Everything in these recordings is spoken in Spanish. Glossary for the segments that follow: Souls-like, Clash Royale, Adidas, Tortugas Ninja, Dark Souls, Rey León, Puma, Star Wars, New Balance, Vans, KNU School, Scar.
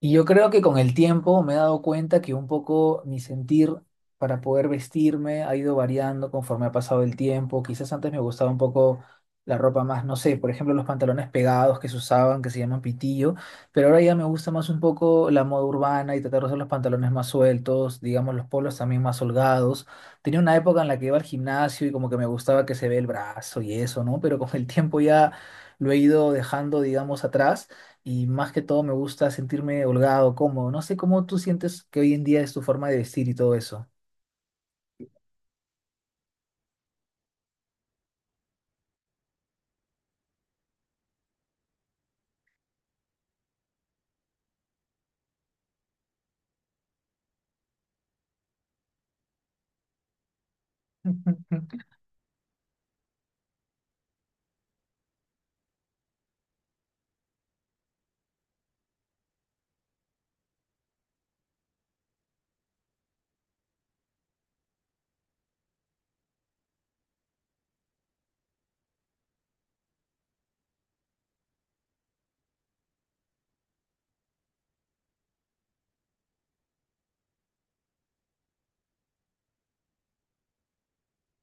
Y yo creo que con el tiempo me he dado cuenta que un poco mi sentir para poder vestirme ha ido variando conforme ha pasado el tiempo. Quizás antes me gustaba un poco la ropa más, no sé, por ejemplo, los pantalones pegados que se usaban, que se llaman pitillo, pero ahora ya me gusta más un poco la moda urbana y tratar de usar los pantalones más sueltos, digamos, los polos también más holgados. Tenía una época en la que iba al gimnasio y como que me gustaba que se ve el brazo y eso, ¿no? Pero con el tiempo ya lo he ido dejando, digamos, atrás y más que todo me gusta sentirme holgado, cómodo. No sé cómo tú sientes que hoy en día es tu forma de vestir y todo eso.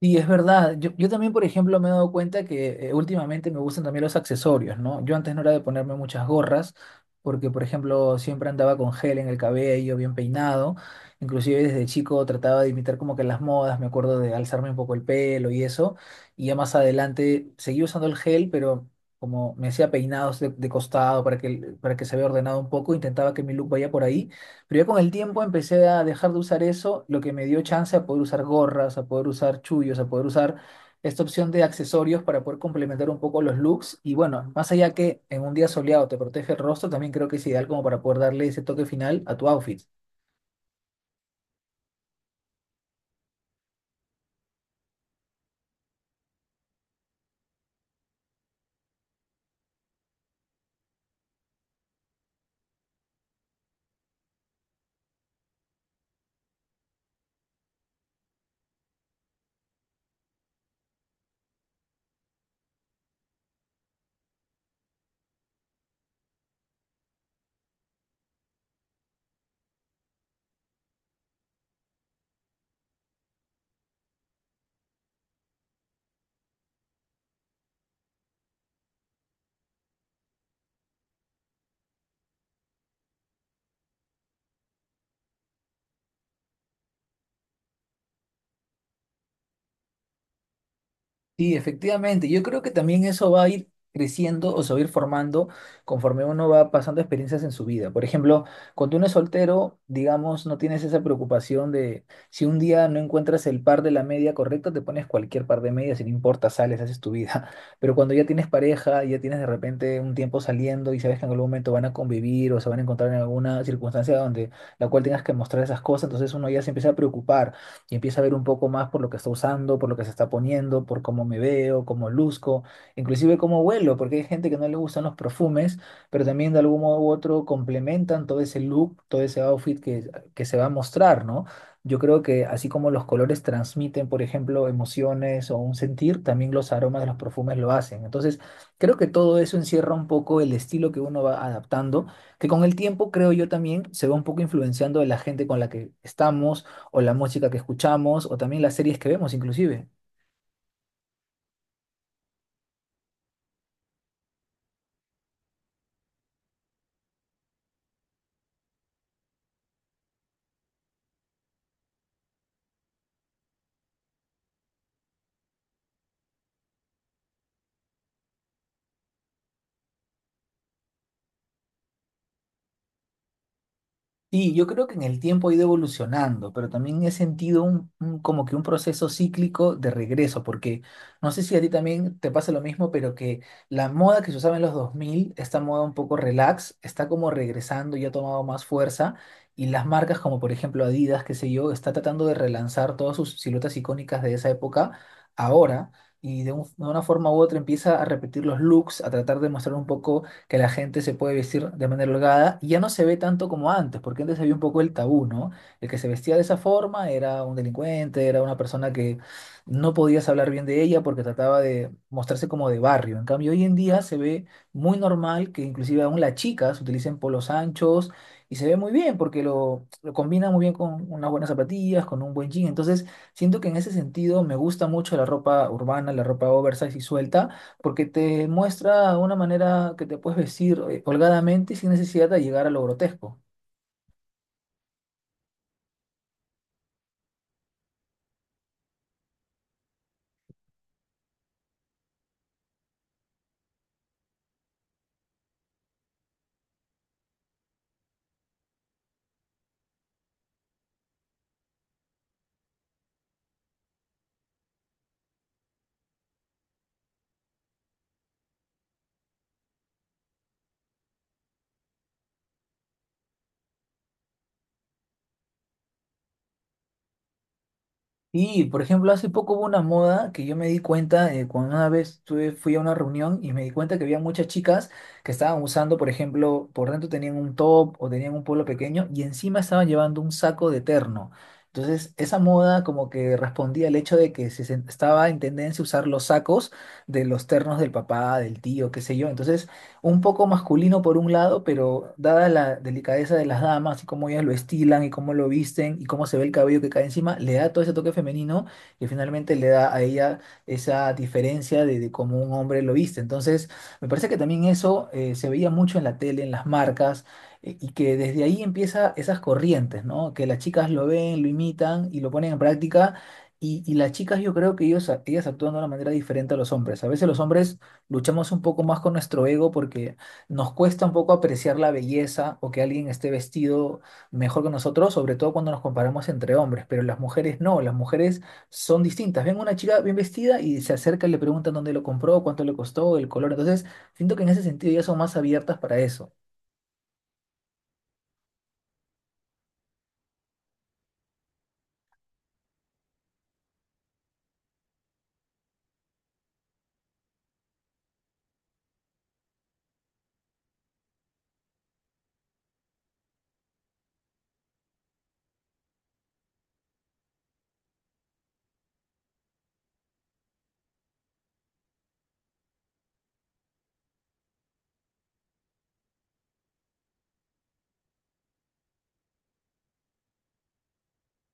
Y es verdad, yo también, por ejemplo, me he dado cuenta que últimamente me gustan también los accesorios, ¿no? Yo antes no era de ponerme muchas gorras, porque, por ejemplo, siempre andaba con gel en el cabello, bien peinado, inclusive desde chico trataba de imitar como que las modas, me acuerdo de alzarme un poco el pelo y eso, y ya más adelante seguí usando el gel, pero como me hacía peinados de costado para que se vea ordenado un poco, intentaba que mi look vaya por ahí. Pero ya con el tiempo empecé a dejar de usar eso, lo que me dio chance a poder usar gorras, a poder usar chullos, a poder usar esta opción de accesorios para poder complementar un poco los looks. Y bueno, más allá que en un día soleado te protege el rostro, también creo que es ideal como para poder darle ese toque final a tu outfit. Sí, efectivamente. Yo creo que también eso va a ir creciendo o se va a ir formando conforme uno va pasando experiencias en su vida. Por ejemplo, cuando uno es soltero, digamos, no tienes esa preocupación de si un día no encuentras el par de la media correcta, te pones cualquier par de medias y no importa, sales, haces tu vida. Pero cuando ya tienes pareja, ya tienes de repente un tiempo saliendo y sabes que en algún momento van a convivir o se van a encontrar en alguna circunstancia donde la cual tengas que mostrar esas cosas, entonces uno ya se empieza a preocupar y empiezo a ver un poco más por lo que está usando, por lo que se está poniendo, por cómo me veo, cómo luzco, inclusive cómo huelo, porque hay gente que no le gustan los perfumes, pero también de algún modo u otro complementan todo ese look, todo ese outfit que se va a mostrar, ¿no? Yo creo que así como los colores transmiten, por ejemplo, emociones o un sentir, también los aromas de los perfumes lo hacen. Entonces, creo que todo eso encierra un poco el estilo que uno va adaptando, que con el tiempo, creo yo también, se va un poco influenciando de la gente con la que estamos o la música que escuchamos, o también las series que vemos inclusive. Sí, yo creo que en el tiempo ha ido evolucionando, pero también he sentido como que un proceso cíclico de regreso, porque no sé si a ti también te pasa lo mismo, pero que la moda que se usaba en los 2000, esta moda un poco relax, está como regresando y ha tomado más fuerza, y las marcas como por ejemplo Adidas, qué sé yo, está tratando de relanzar todas sus siluetas icónicas de esa época ahora, y de una forma u otra empieza a repetir los looks, a tratar de mostrar un poco que la gente se puede vestir de manera holgada y ya no se ve tanto como antes, porque antes había un poco el tabú, ¿no? El que se vestía de esa forma era un delincuente, era una persona que no podías hablar bien de ella porque trataba de mostrarse como de barrio. En cambio, hoy en día se ve muy normal que inclusive aún las chicas utilicen polos anchos y se ve muy bien porque lo combina muy bien con unas buenas zapatillas, con un buen jean. Entonces, siento que en ese sentido me gusta mucho la ropa urbana, la ropa oversize y suelta porque te muestra una manera que te puedes vestir holgadamente y sin necesidad de llegar a lo grotesco. Y, por ejemplo, hace poco hubo una moda que yo me di cuenta, cuando una vez fui a una reunión y me di cuenta que había muchas chicas que estaban usando, por ejemplo, por dentro tenían un top o tenían un polo pequeño y encima estaban llevando un saco de terno. Entonces, esa moda como que respondía al hecho de que estaba en tendencia usar los sacos de los ternos del papá, del tío, qué sé yo. Entonces, un poco masculino por un lado, pero dada la delicadeza de las damas y cómo ellas lo estilan y cómo lo visten y cómo se ve el cabello que cae encima, le da todo ese toque femenino que finalmente le da a ella esa diferencia de cómo un hombre lo viste. Entonces, me parece que también eso se veía mucho en la tele, en las marcas. Y que desde ahí empieza esas corrientes, ¿no? Que las chicas lo ven, lo imitan y lo ponen en práctica. Y las chicas yo creo que ellas actúan de una manera diferente a los hombres. A veces los hombres luchamos un poco más con nuestro ego porque nos cuesta un poco apreciar la belleza o que alguien esté vestido mejor que nosotros, sobre todo cuando nos comparamos entre hombres, pero las mujeres no, las mujeres son distintas. Ven una chica bien vestida y se acerca y le preguntan dónde lo compró, cuánto le costó, el color. Entonces, siento que en ese sentido ya son más abiertas para eso.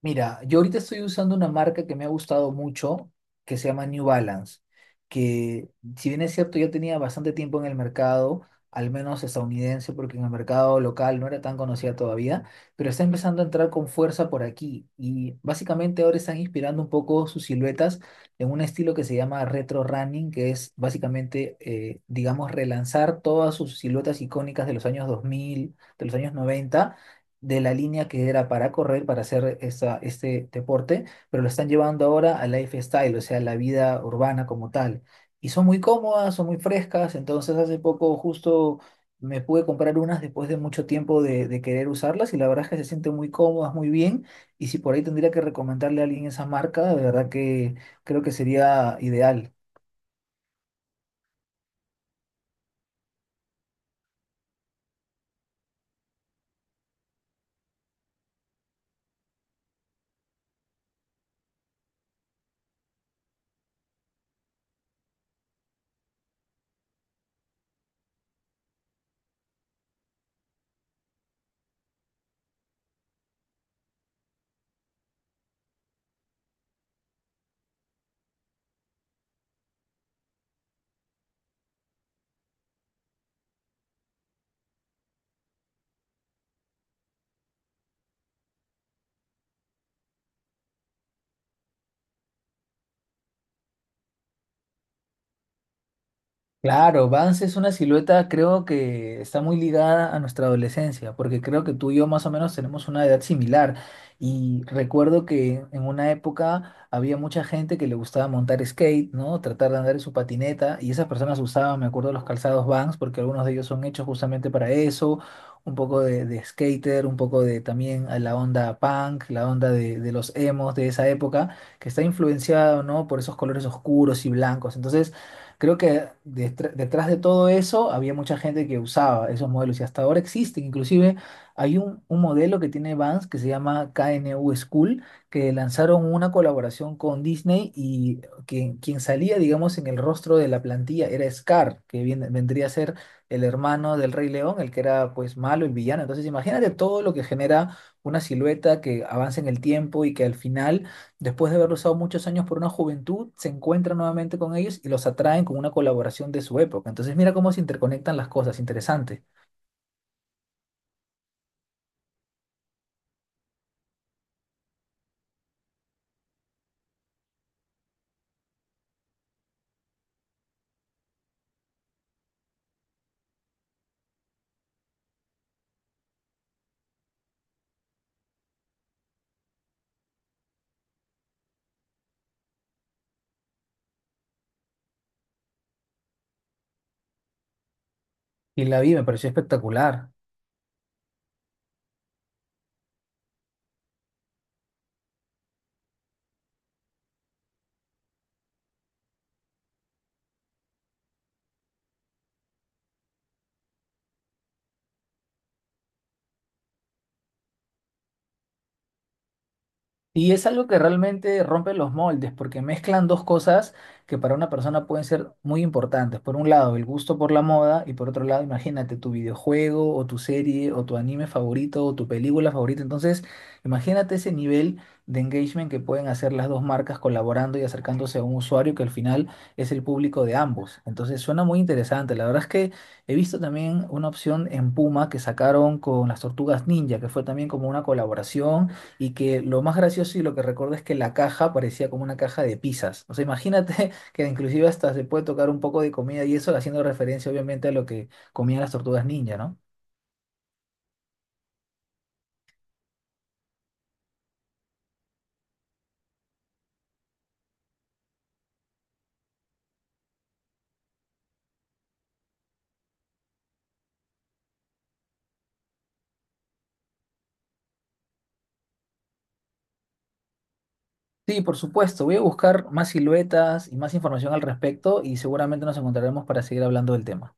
Mira, yo ahorita estoy usando una marca que me ha gustado mucho, que se llama New Balance, que si bien es cierto, yo tenía bastante tiempo en el mercado, al menos estadounidense, porque en el mercado local no era tan conocida todavía, pero está empezando a entrar con fuerza por aquí y básicamente ahora están inspirando un poco sus siluetas en un estilo que se llama retro running, que es básicamente, digamos, relanzar todas sus siluetas icónicas de los años 2000, de los años 90 de la línea que era para correr, para hacer esta, este deporte, pero lo están llevando ahora al lifestyle, o sea, la vida urbana como tal. Y son muy cómodas, son muy frescas, entonces hace poco justo me pude comprar unas después de mucho tiempo de querer usarlas y la verdad es que se sienten muy cómodas, muy bien. Y si por ahí tendría que recomendarle a alguien esa marca, de verdad que creo que sería ideal. Claro, Vans es una silueta, creo que está muy ligada a nuestra adolescencia, porque creo que tú y yo más o menos tenemos una edad similar. Y recuerdo que en una época había mucha gente que le gustaba montar skate, ¿no? Tratar de andar en su patineta, y esas personas usaban, me acuerdo, los calzados Vans, porque algunos de ellos son hechos justamente para eso, un poco de skater, un poco de también a la onda punk, la onda de los emos de esa época, que está influenciado, ¿no? Por esos colores oscuros y blancos. Entonces, creo que detrás de todo eso había mucha gente que usaba esos modelos y hasta ahora existen. Inclusive hay un modelo que tiene Vans que se llama KNU School, que lanzaron una colaboración con Disney y quien salía, digamos, en el rostro de la plantilla era Scar, que vendría a ser el hermano del Rey León, el que era pues malo, el villano. Entonces imagínate todo lo que genera una silueta que avanza en el tiempo y que al final después de haberlo usado muchos años por una juventud, se encuentran nuevamente con ellos y los atraen con una colaboración de su época. Entonces mira cómo se interconectan las cosas, interesante. Y la vi, me pareció espectacular. Y es algo que realmente rompe los moldes, porque mezclan dos cosas que para una persona pueden ser muy importantes. Por un lado, el gusto por la moda, y por otro lado, imagínate tu videojuego o tu serie o tu anime favorito o tu película favorita. Entonces, imagínate ese nivel de engagement que pueden hacer las dos marcas colaborando y acercándose a un usuario que al final es el público de ambos. Entonces, suena muy interesante. La verdad es que he visto también una opción en Puma que sacaron con las Tortugas Ninja, que fue también como una colaboración y que lo más gracioso y lo que recuerdo es que la caja parecía como una caja de pizzas. O sea, imagínate que inclusive hasta se puede tocar un poco de comida y eso haciendo referencia obviamente a lo que comían las tortugas ninja, ¿no? Sí, por supuesto. Voy a buscar más siluetas y más información al respecto y seguramente nos encontraremos para seguir hablando del tema.